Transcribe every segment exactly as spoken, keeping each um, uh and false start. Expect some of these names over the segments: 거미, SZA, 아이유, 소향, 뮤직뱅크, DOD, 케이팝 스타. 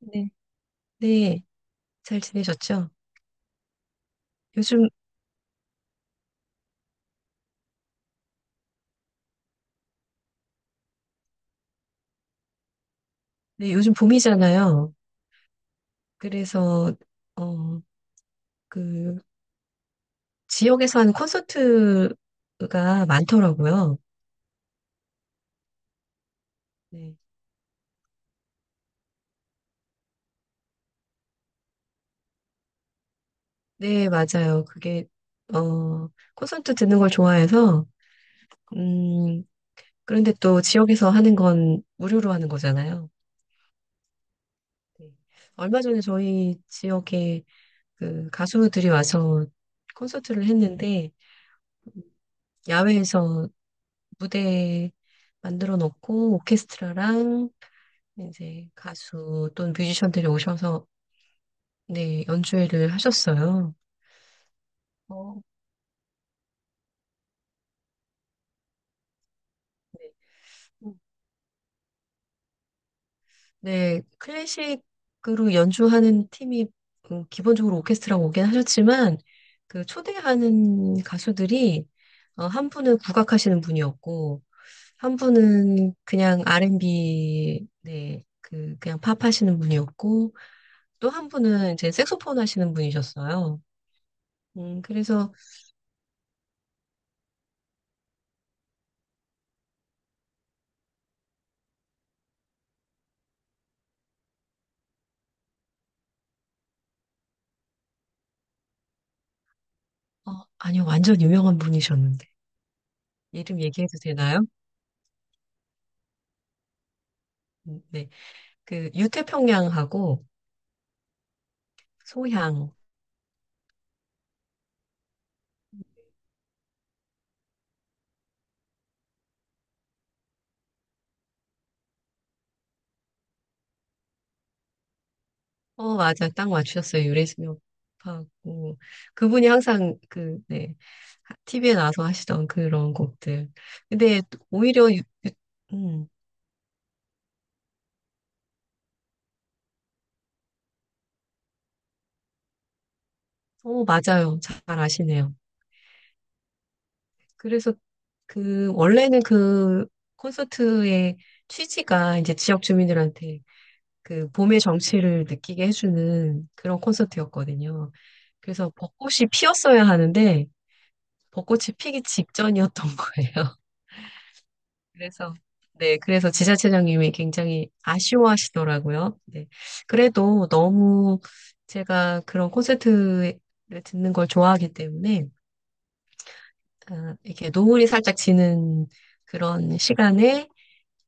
네, 네, 잘 지내셨죠? 요즘, 네, 요즘 봄이잖아요. 그래서, 어, 그, 지역에서 하는 콘서트가 많더라고요. 네, 네, 맞아요. 그게, 어, 콘서트 듣는 걸 좋아해서, 음, 그런데 또 지역에서 하는 건 무료로 하는 거잖아요. 네. 얼마 전에 저희 지역에 그 가수들이 와서 콘서트를 했는데, 야외에서 무대 만들어 놓고 오케스트라랑 이제 가수 또는 뮤지션들이 오셔서 네, 연주회를 하셨어요. 어, 네, 음. 네, 클래식으로 연주하는 팀이 음, 기본적으로 오케스트라가 오긴 하셨지만 그 초대하는 가수들이 어, 한 분은 국악하시는 분이었고 한 분은 그냥 알앤비 네, 그 그냥 팝 하시는 분이었고 또 한 분은 이제 색소폰 하시는 분이셨어요. 음, 그래서, 어, 아니요, 완전 유명한 분이셨는데. 이름 얘기해도 되나요? 음, 네. 그, 유태평양하고 소향. 어, 맞아. 딱 맞추셨어요. 유래수명하고. 그분이 항상 그, 네. 티비에 나와서 하시던 그런 곡들. 근데 또 오히려, 유- 음, 어, 맞아요. 잘 아시네요. 그래서 그, 원래는 그 콘서트의 취지가 이제 지역 주민들한테 그 봄의 정취를 느끼게 해주는 그런 콘서트였거든요. 그래서 벚꽃이 피었어야 하는데 벚꽃이 피기 직전이었던 거예요. 그래서 네, 그래서 지자체장님이 굉장히 아쉬워하시더라고요. 네. 그래도 너무 제가 그런 콘서트를 듣는 걸 좋아하기 때문에 아, 이렇게 노을이 살짝 지는 그런 시간에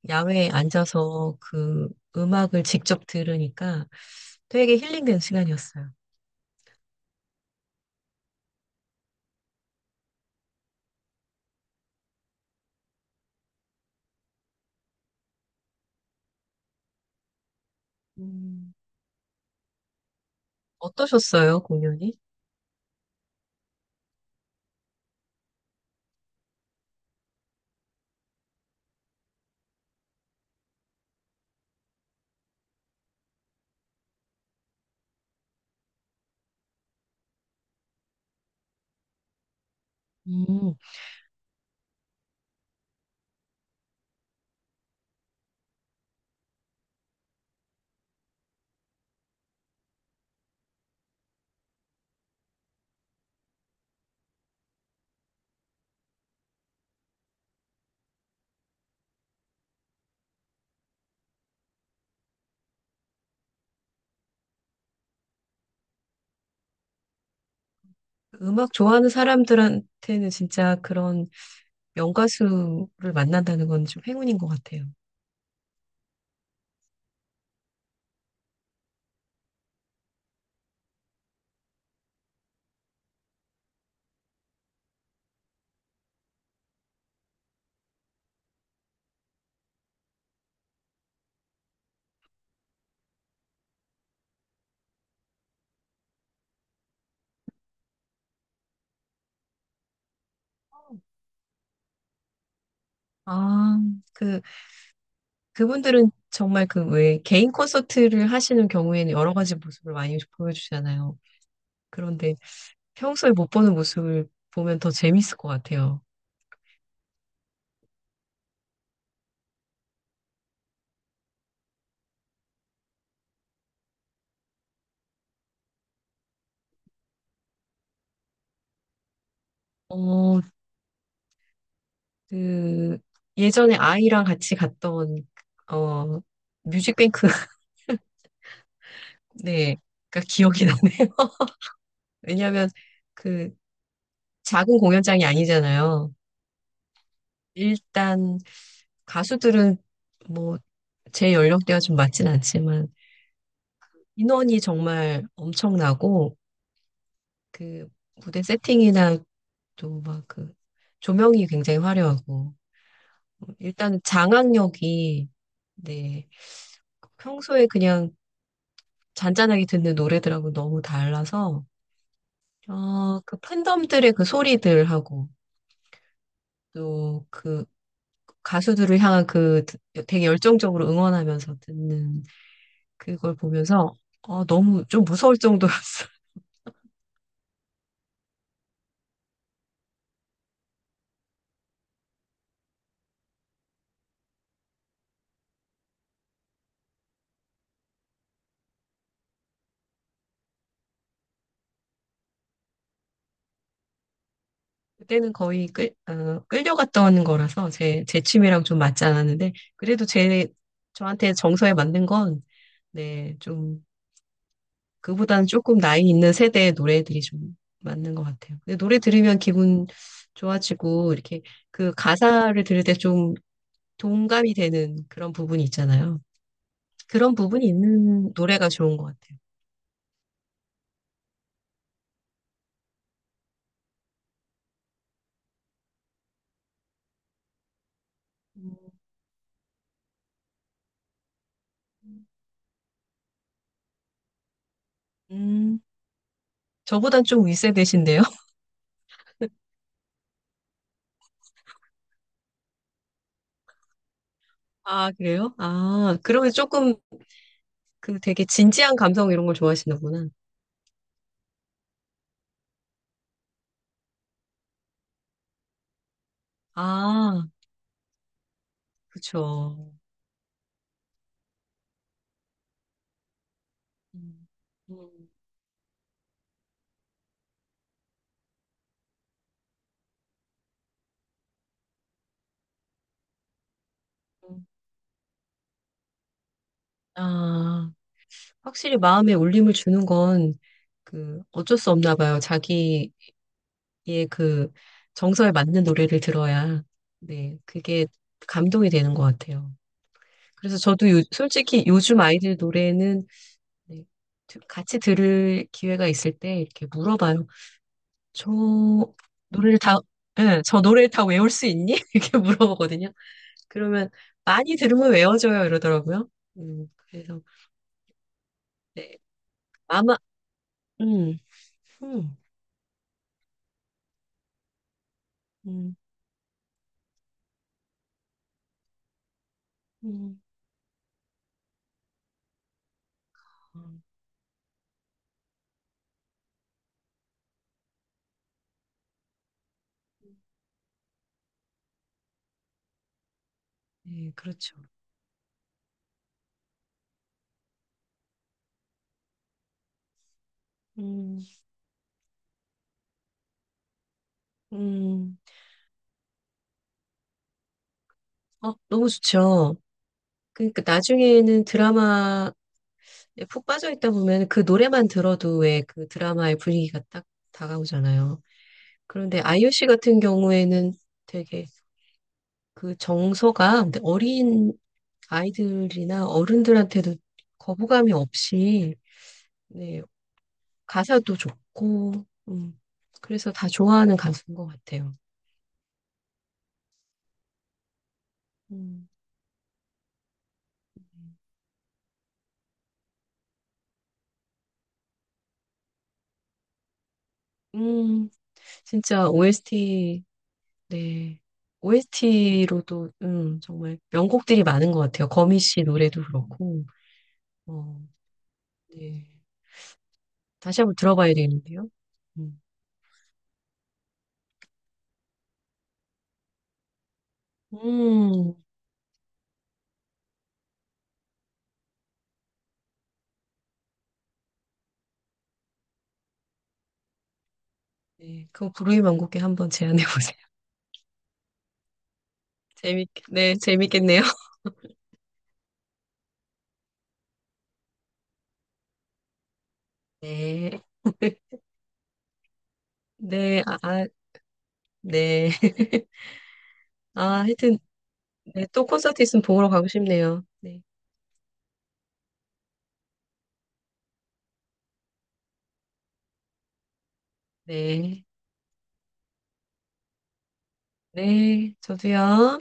야외에 앉아서 그 음악을 직접 들으니까 되게 힐링된 시간이었어요. 음, 어떠셨어요, 공연이? 음. 그 음악 좋아하는 사람들한테는 진짜 그런 명가수를 만난다는 건 좀 행운인 것 같아요. 아, 그, 그분들은 정말 그 왜 개인 콘서트를 하시는 경우에는 여러 가지 모습을 많이 보여주잖아요. 그런데 평소에 못 보는 모습을 보면 더 재밌을 것 같아요. 어, 그 예전에 아이랑 같이 갔던 어 뮤직뱅크 네가 기억이 나네요. 왜냐하면 그 작은 공연장이 아니잖아요. 일단 가수들은 뭐 제 연령대가 좀 맞진 않지만 인원이 정말 엄청나고 그 무대 세팅이나 또 막 그 조명이 굉장히 화려하고 일단 장악력이 네 평소에 그냥 잔잔하게 듣는 노래들하고 너무 달라서, 어, 그 팬덤들의 그 소리들하고, 또 그 가수들을 향한 그 되게 열정적으로 응원하면서 듣는 그걸 보면서, 어, 너무 좀 무서울 정도였어. 그때는 거의 끌, 어, 끌려갔던 거라서 제, 제 취미랑 좀 맞지 않았는데, 그래도 제, 저한테 정서에 맞는 건, 네, 좀 그보다는 조금 나이 있는 세대의 노래들이 좀 맞는 것 같아요. 근데 노래 들으면 기분 좋아지고, 이렇게 그 가사를 들을 때 좀 동감이 되는 그런 부분이 있잖아요. 그런 부분이 있는 노래가 좋은 것 같아요. 음. 음, 저보단 좀 윗세대신데요? 아, 그래요? 아, 그러면 조금 그 되게 진지한 감성 이런 걸 좋아하시는구나. 아, 그쵸. 음, 음, 음. 아. 확실히 마음에 울림을 주는 건 그 어쩔 수 없나 봐요. 자기의 그 정서에 맞는 노래를 들어야 네, 그게 감동이 되는 것 같아요. 그래서 저도 요- 솔직히 요즘 아이들 노래는 네, 드- 같이 들을 기회가 있을 때 이렇게 물어봐요. 저 노래를 다, 예, 저 노래를 다 외울 수 있니? 이렇게 물어보거든요. 그러면 많이 들으면 외워져요 이러더라고요. 음, 그래서 네, 아마 음, 음, 음, 음. 음, 네, 그렇죠. 음, 음, 어, 너무 좋죠. 그러니까 나중에는 드라마에 푹 빠져 있다 보면 그 노래만 들어도 왜 그 드라마의 분위기가 딱 다가오잖아요. 그런데 아이유 씨 같은 경우에는 되게 그 정서가 근데 어린 아이들이나 어른들한테도 거부감이 없이 네, 가사도 좋고 음, 그래서 다 좋아하는 가수인 것 같아요. 음, 음, 진짜 오에스티 네. 오에스티로도 음, 정말 명곡들이 많은 것 같아요. 거미 씨 노래도 그렇고. 어, 네. 다시 한번 들어봐야 되는데요. 음. 음, 네. 그거 부르이 만곡에 한번 제안해 보세요. 재밌, 네, 재밌겠네요. 네. 네, 아, 아, 네. 아, 하여튼, 네, 또 콘서트 있으면 보러 가고 싶네요. 네. 네. 네, 저도요.